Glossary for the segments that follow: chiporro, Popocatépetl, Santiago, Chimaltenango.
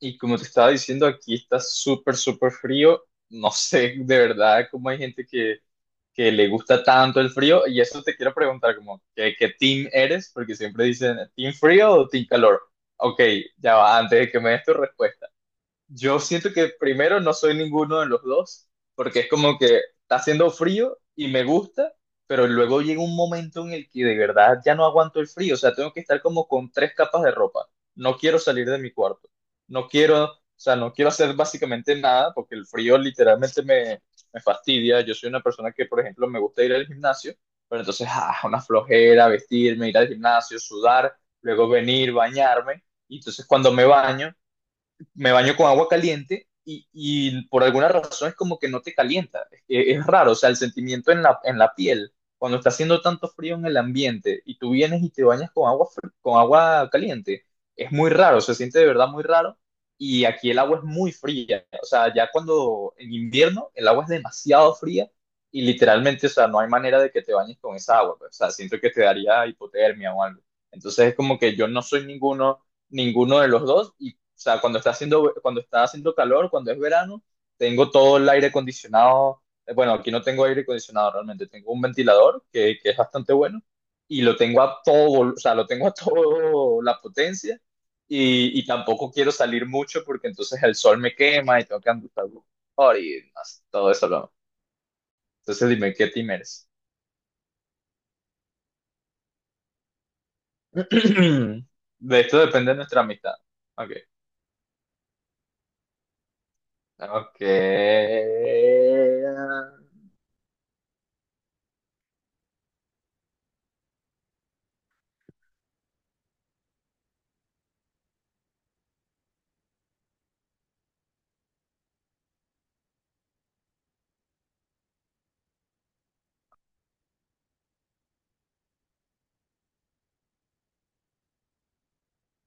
Y como te estaba diciendo, aquí está súper, súper frío. No sé de verdad cómo hay gente que le gusta tanto el frío. Y eso te quiero preguntar, como, ¿qué team eres? Porque siempre dicen, ¿team frío o team calor? Ok, ya va, antes de que me des tu respuesta. Yo siento que primero no soy ninguno de los dos, porque es como que está haciendo frío y me gusta, pero luego llega un momento en el que de verdad ya no aguanto el frío, o sea, tengo que estar como con tres capas de ropa. No quiero salir de mi cuarto, no quiero, o sea, no quiero hacer básicamente nada, porque el frío literalmente me fastidia. Yo soy una persona que, por ejemplo, me gusta ir al gimnasio, pero entonces, una flojera, vestirme, ir al gimnasio, sudar, luego venir, bañarme, y entonces cuando me baño con agua caliente y por alguna razón es como que no te calienta. Es raro, o sea, el sentimiento en la piel, cuando está haciendo tanto frío en el ambiente y tú vienes y te bañas con agua caliente, es muy raro, se siente de verdad muy raro. Y aquí el agua es muy fría, o sea, ya cuando en invierno el agua es demasiado fría y literalmente, o sea, no hay manera de que te bañes con esa agua, pues, o sea, siento que te daría hipotermia o algo. Entonces es como que yo no soy ninguno de los dos. Y, o sea, cuando está haciendo calor, cuando es verano, tengo todo el aire acondicionado. Bueno, aquí no tengo aire acondicionado realmente, tengo un ventilador que es bastante bueno y lo tengo a o sea, lo tengo a todo la potencia y tampoco quiero salir mucho porque entonces el sol me quema y tengo que andar por y más, todo eso. Entonces dime, ¿qué team eres? De esto depende nuestra amistad. Ok. Ok.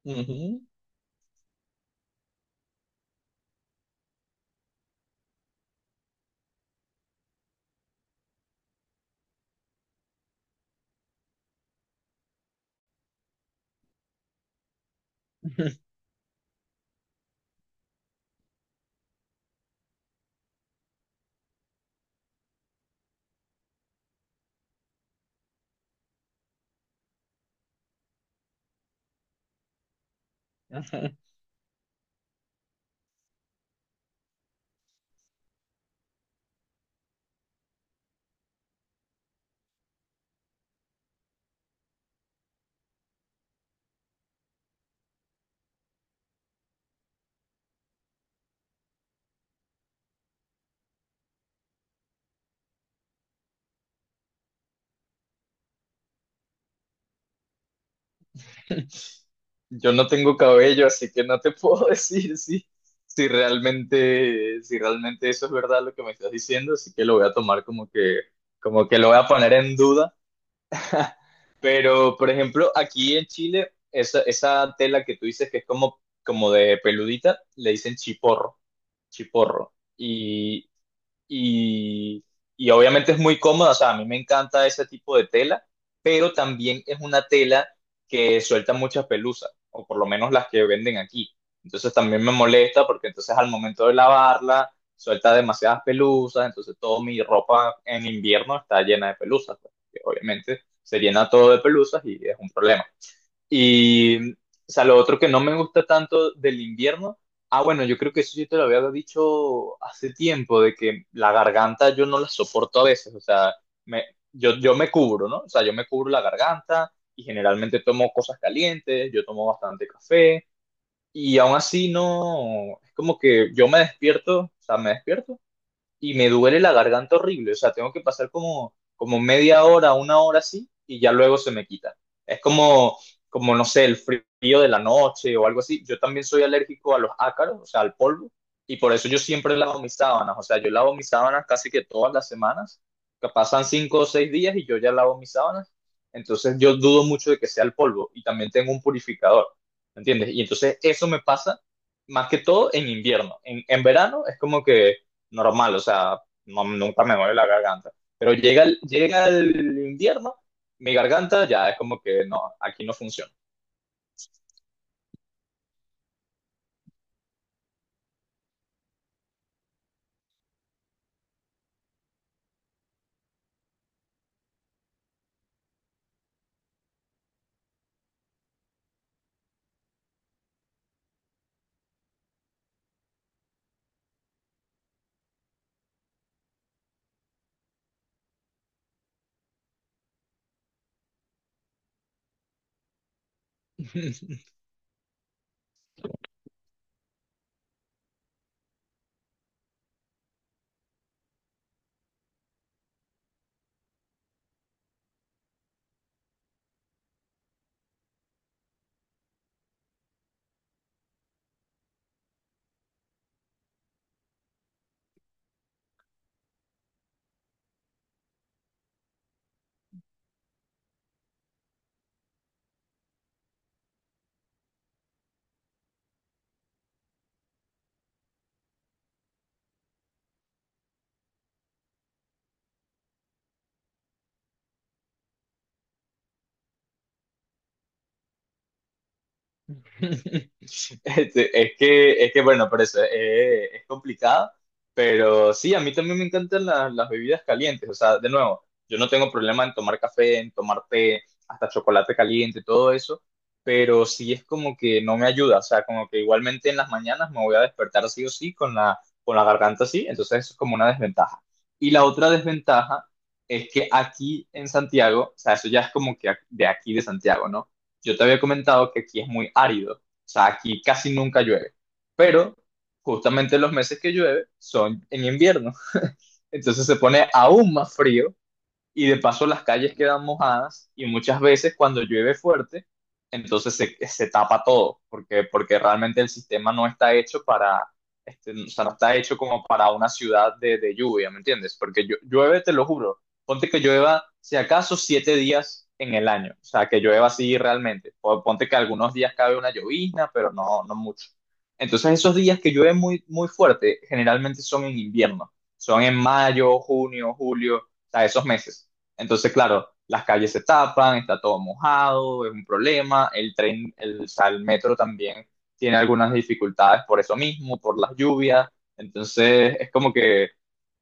Ujú. Yo no tengo cabello, así que no te puedo decir si realmente eso es verdad lo que me estás diciendo, así que lo voy a tomar como que lo voy a poner en duda. Pero, por ejemplo, aquí en Chile, esa tela que tú dices que es como de peludita, le dicen chiporro, chiporro. y, y obviamente es muy cómoda, o sea, a mí me encanta ese tipo de tela, pero también es una tela que suelta muchas pelusas, o por lo menos las que venden aquí. Entonces también me molesta porque entonces al momento de lavarla suelta demasiadas pelusas, entonces toda mi ropa en invierno está llena de pelusas, pues, que obviamente se llena todo de pelusas y es un problema. Y, o sea, lo otro que no me gusta tanto del invierno, bueno, yo creo que eso yo te lo había dicho hace tiempo, de que la garganta yo no la soporto a veces, o sea, me, yo me cubro, ¿no? O sea, yo me cubro la garganta y generalmente tomo cosas calientes, yo tomo bastante café y aún así no, es como que yo me despierto, o sea, me despierto y me duele la garganta horrible. O sea, tengo que pasar como media hora, una hora así, y ya luego se me quita. Es como, no sé, el frío de la noche o algo así. Yo también soy alérgico a los ácaros, o sea, al polvo, y por eso yo siempre lavo mis sábanas. O sea, yo lavo mis sábanas casi que todas las semanas. Que pasan 5 o 6 días y yo ya lavo mis sábanas. Entonces yo dudo mucho de que sea el polvo y también tengo un purificador, ¿me ¿entiendes? Y entonces eso me pasa más que todo en invierno. En verano es como que normal, o sea, nunca me duele la garganta. Pero llega el invierno, mi garganta ya es como que no, aquí no funciona. Es que bueno, por eso es complicado, pero sí, a mí también me encantan las bebidas calientes, o sea, de nuevo, yo no tengo problema en tomar café, en tomar té, hasta chocolate caliente, todo eso, pero sí es como que no me ayuda, o sea, como que igualmente en las mañanas me voy a despertar sí o sí con la garganta así, entonces eso es como una desventaja. Y la otra desventaja es que aquí en Santiago, o sea, eso ya es como que de aquí de Santiago, ¿no? Yo te había comentado que aquí es muy árido, o sea, aquí casi nunca llueve, pero justamente los meses que llueve son en invierno, entonces se pone aún más frío y de paso las calles quedan mojadas y muchas veces cuando llueve fuerte, entonces se tapa todo, porque realmente el sistema no está hecho para, o sea, no está hecho como para una ciudad de lluvia, ¿me entiendes? Porque llueve, te lo juro, ponte que llueva si acaso 7 días en el año, o sea, que llueva así realmente, o ponte que algunos días cabe una llovizna, pero no, no mucho. Entonces esos días que llueve muy, muy fuerte, generalmente son en invierno, son en mayo, junio, julio sea, esos meses. Entonces, claro, las calles se tapan, está todo mojado, es un problema, el tren, o sea, el metro también tiene algunas dificultades por eso mismo, por las lluvias, entonces es como que,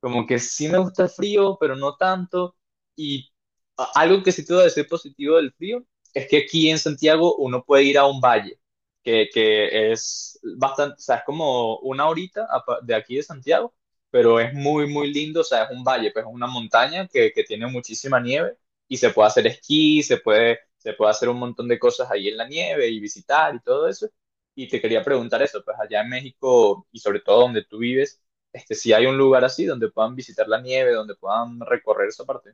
como que sí me gusta el frío, pero no tanto, y algo que sí te voy a decir positivo del frío es que aquí en Santiago uno puede ir a un valle, que es bastante, o sea, es como una horita de aquí de Santiago, pero es muy, muy lindo, o sea, es un valle, pues es una montaña que tiene muchísima nieve y se puede hacer esquí, se puede hacer un montón de cosas ahí en la nieve y visitar y todo eso. Y te quería preguntar eso, pues allá en México y sobre todo donde tú vives, si hay un lugar así donde puedan visitar la nieve, donde puedan recorrer esa parte.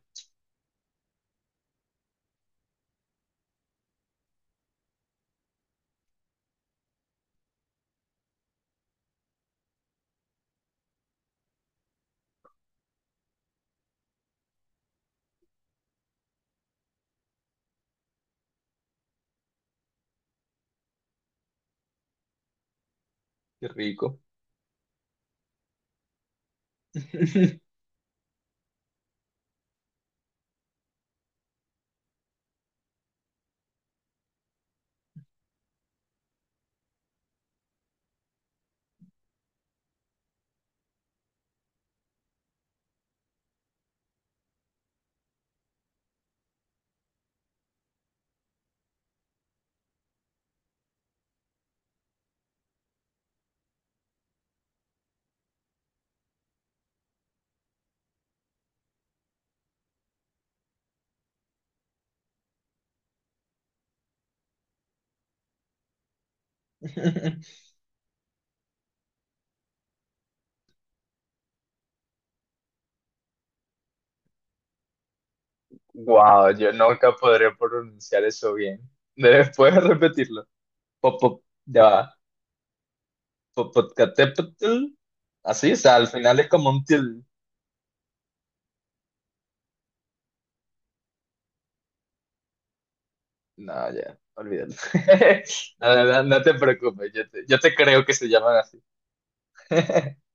Qué rico. Wow, yo nunca podré pronunciar eso bien. Después repetirlo. Pop, pop, ya va. Popocatépetl, así, o sea, al final es como un til... No, ya, olvídalo. No, no, no, no te preocupes, yo te, creo que se llaman así.